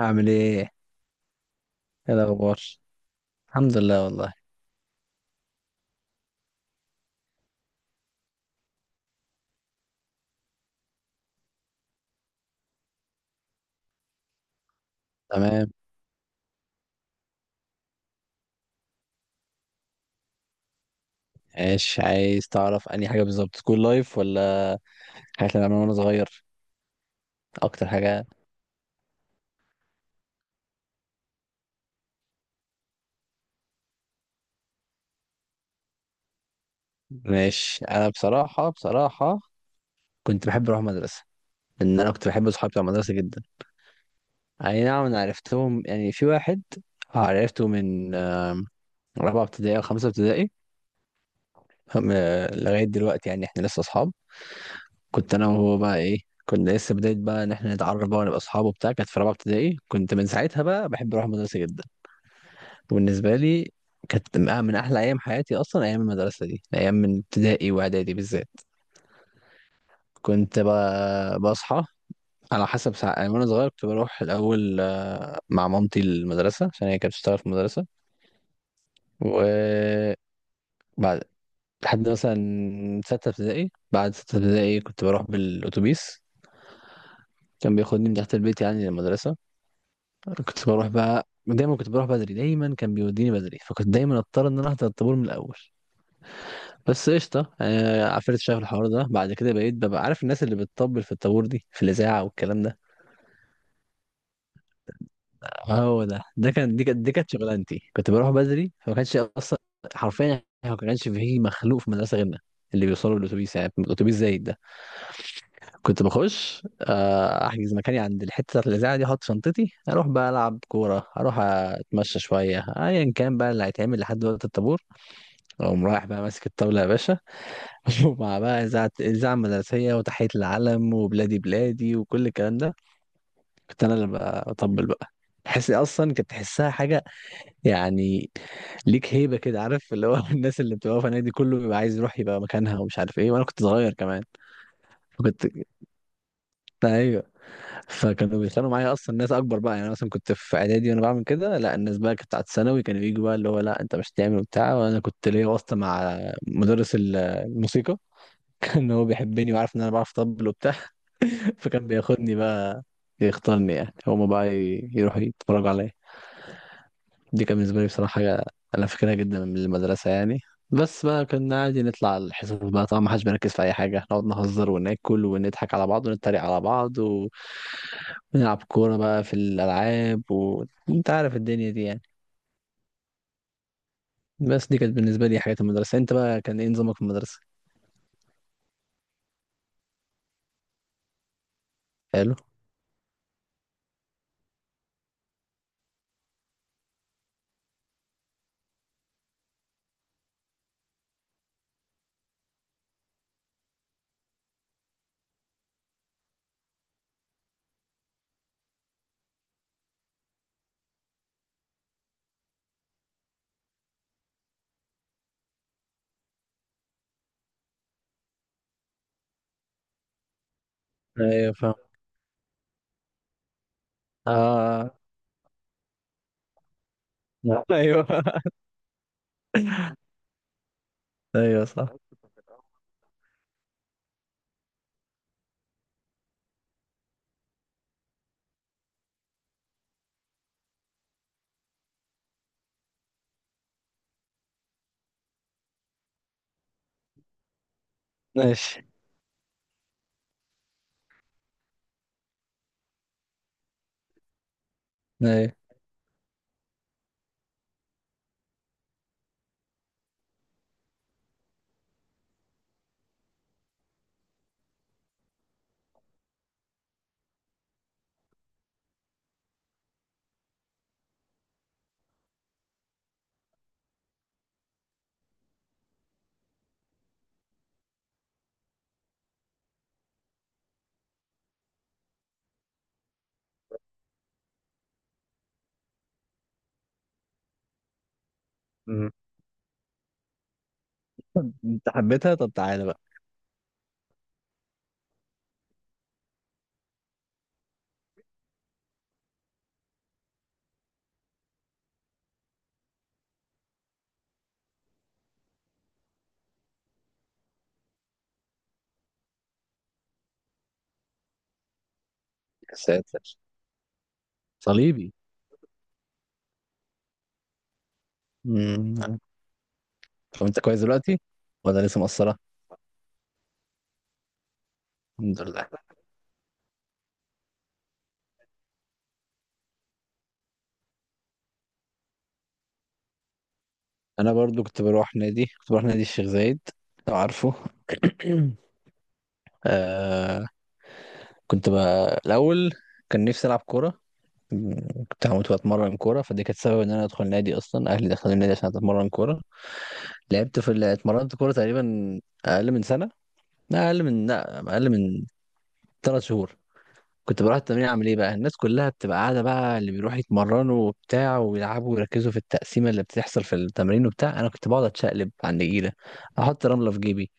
هعمل ايه؟ ايه الاخبار؟ الحمد لله والله. تمام. ايش عايز تعرف انهي حاجه بالظبط، سكول لايف ولا حاجات اللي انا وانا صغير؟ اكتر حاجه؟ ماشي. انا بصراحه كنت بحب اروح مدرسه، لان انا كنت بحب اصحابي بتوع المدرسه جدا. اي نعم، انا عرفتهم يعني في واحد عرفته من رابعه ابتدائي او خمسه ابتدائي، لغايه دلوقتي يعني احنا لسه اصحاب. كنت انا وهو بقى ايه، كنا لسه بداية بقى إن إحنا نتعرف بقى ونبقى أصحاب وبتاع، كانت في رابعة ابتدائي، كنت من ساعتها بقى بحب أروح المدرسة جدا. بالنسبة لي كانت من أحلى أيام حياتي أصلا، أيام المدرسة دي، أيام من ابتدائي وإعدادي بالذات. بصحى على حسب ساعة، يعني وأنا صغير كنت بروح الأول، مع مامتي المدرسة عشان هي كانت بتشتغل في المدرسة. وبعد لحد مثلا ستة ابتدائي، بعد ستة ابتدائي كنت بروح بالأتوبيس، كان بياخدني من تحت البيت يعني للمدرسة. كنت بروح بقى دايما، كنت بروح بدري دايما، كان بيوديني بدري، فكنت دايما اضطر ان انا احضر الطابور من الاول. بس قشطه، عفريت شاف الحوار ده. بعد كده بقيت ببقى عارف الناس اللي بتطبل في الطابور دي في الاذاعه والكلام ده. هو ده، ده كان دي كانت دي كانت شغلانتي. كنت بروح بدري، فما كانش اصلا، حرفيا ما كانش فيه مخلوق في المدرسه غيرنا اللي بيوصلوا بالاتوبيس، يعني الاتوبيس زايد ده. كنت بخش، احجز مكاني عند الحته بتاعت الاذاعه دي، احط شنطتي، اروح بقى العب كوره، اروح اتمشى شويه، ايا كان بقى اللي هيتعمل لحد وقت الطابور. اقوم رايح بقى ماسك الطاوله يا باشا. ومع بقى إذاعة مدرسية وتحية العلم وبلادي بلادي وكل الكلام ده، كنت أنا اللي بطبل بقى. تحس أصلا، كنت تحسها حاجة يعني، ليك هيبة كده، عارف اللي هو، الناس اللي بتبقى في النادي كله بيبقى عايز يروح يبقى مكانها ومش عارف إيه، وأنا كنت صغير كمان. فكنت أيوه. فكانوا بيتخانقوا معايا أصلا ناس أكبر بقى، يعني أنا مثلا كنت في إعدادي وأنا بعمل كده، لا الناس بقى كانت بتاعت ثانوي كانوا ييجوا بقى اللي هو لا أنت مش هتعمل وبتاع، وأنا كنت ليا واسطة مع مدرس الموسيقى، ان هو بيحبني وعارف ان انا بعرف اطبل وبتاع. فكان بياخدني بقى، يختارني يعني، هما بقى يروحوا يتفرجوا عليا. دي كان بالنسبة لي بصراحة حاجة أنا فاكرها جدا من المدرسة يعني. بس بقى كنا عادي نطلع الحصص بقى، طبعا ما حدش بيركز في أي حاجة، نقعد نهزر وناكل ونضحك على بعض ونتريق على بعض ونلعب كورة بقى في الألعاب، وأنت عارف الدنيا دي يعني. بس دي كانت بالنسبة لي حاجات المدرسة. أنت بقى كان إيه نظامك في المدرسة؟ حلو. أيوه فاهم. آه. أيوه. أيوه صح. ماشي. ايوه. مم. انت حبيتها؟ طب تعالى بقى. يا ساتر. صليبي. مم. طب انت كويس دلوقتي ولا لسه مقصرة؟ الحمد لله. انا برضو كنت بروح نادي، كنت بروح نادي الشيخ زايد، لو عارفه. آه. كنت بقى الاول، كان نفسي العب كورة، مم، كنت هموت واتمرن كورة. فدي كانت سبب ان انا ادخل نادي اصلا، اهلي دخلوا النادي عشان اتمرن كورة. لعبت اتمرنت كورة تقريبا اقل من سنة، لا اقل من 3 شهور. كنت بروح التمرين، اعمل ايه بقى، الناس كلها بتبقى قاعده بقى، اللي بيروحوا يتمرنوا وبتاع ويلعبوا ويركزوا في التقسيمه اللي بتحصل في التمرين وبتاع، انا كنت بقعد اتشقلب على النجيله، احط رمله في جيبي،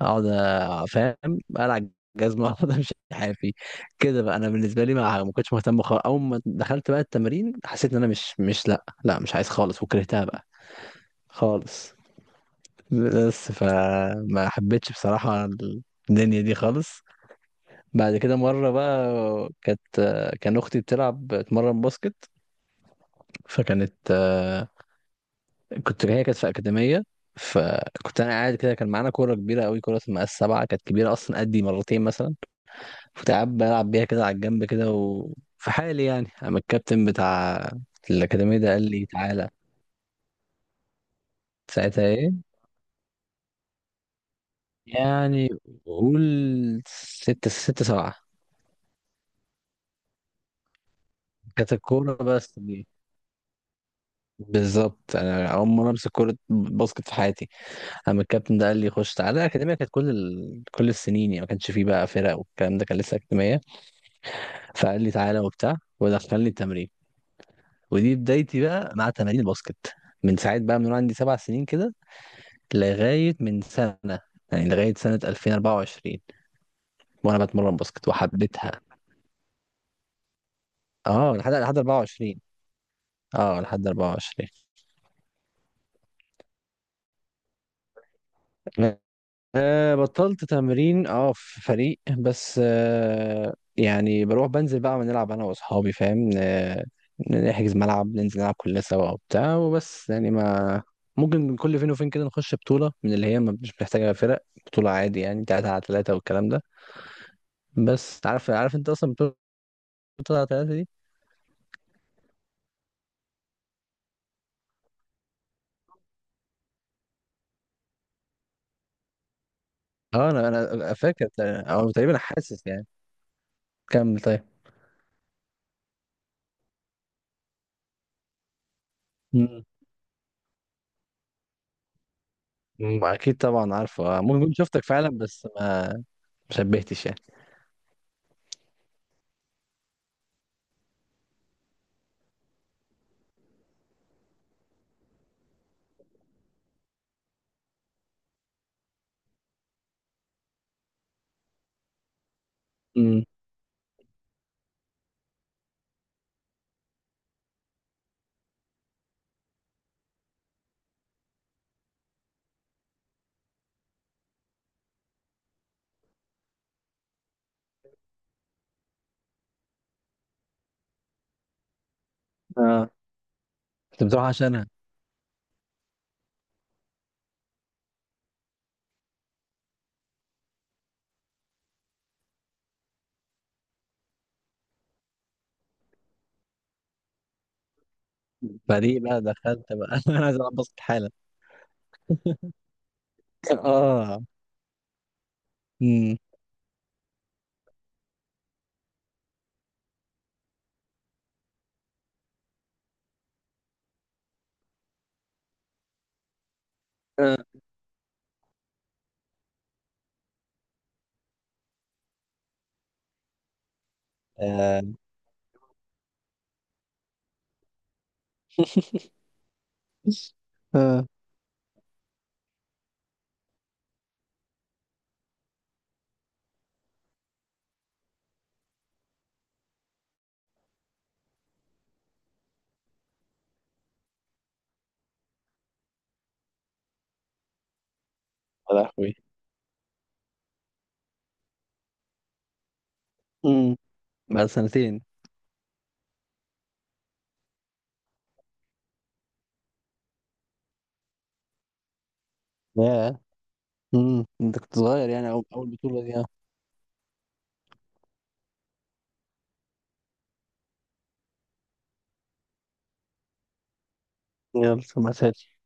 فاهم، العب جزمه، اقعد امشي حافي كده بقى. انا بالنسبه لي ما كنتش مهتم خالص. اول ما دخلت بقى التمرين حسيت ان انا مش مش لا لا مش عايز خالص، وكرهتها بقى خالص. بس فما حبيتش بصراحه الدنيا دي خالص. بعد كده مرة بقى، كانت كان أختي بتلعب، بتمرن باسكت، فكانت آه، كنت هي كانت في أكاديمية. فكنت أنا قاعد كده، كان معانا كورة كبيرة أوي، كورة اسمها السبعة، كانت كبيرة أصلا قدي مرتين مثلا. كنت قاعد بلعب بيها كده على الجنب كده وفي حالي يعني، أما الكابتن بتاع الأكاديمية ده قال لي تعالى. ساعتها إيه؟ يعني، قول، ستة، ستة سبعة. كانت الكورة بس دي، بالظبط أنا أول مرة أمسك كورة باسكت في حياتي. اما الكابتن ده قال لي خش تعالى، الاكاديميه كانت كل ال... كل السنين يعني، ما كانش فيه بقى فرق والكلام ده، كان لسه اكاديميه. فقال لي تعالى وبتاع ودخلني التمرين، ودي بدايتي بقى مع تمارين الباسكت. من ساعه بقى، من وأنا عندي 7 سنين كده لغايه من سنه، يعني لغايه سنه 2024، وانا بتمرن باسكت وحبيتها. اه لحد 24. اه لحد 24. أه بطلت تمرين اه في فريق، بس أه يعني بروح بنزل بقى بنلعب انا واصحابي فاهم أه، نحجز ملعب ننزل نلعب كلنا سوا وبتاع وبس يعني ما، ممكن كل فين وفين كده نخش بطولة، من اللي هي مش محتاجة فرق، بطولة عادي يعني تلاتة على تلاتة والكلام ده. بس عارف، عارف انت اصلا بطولة تلاتة على تلاتة دي. اه انا، انا فاكر او تقريبا حاسس يعني. كمل طيب. مم. اكيد طبعا عارفه، ممكن كنت شفتك فعلا بس ما شبهتش يعني. امم، كنت بتروح عشانها؟ فدي بقى دخلت بقى. انا عايز العب باسكت حالا. اه. امم. آه. آه. آه. يا لهوي. امم، بعد سنتين. ياه. انت كنت صغير يعني، اول أول بطولة دي آه. يلا ما تهاتش.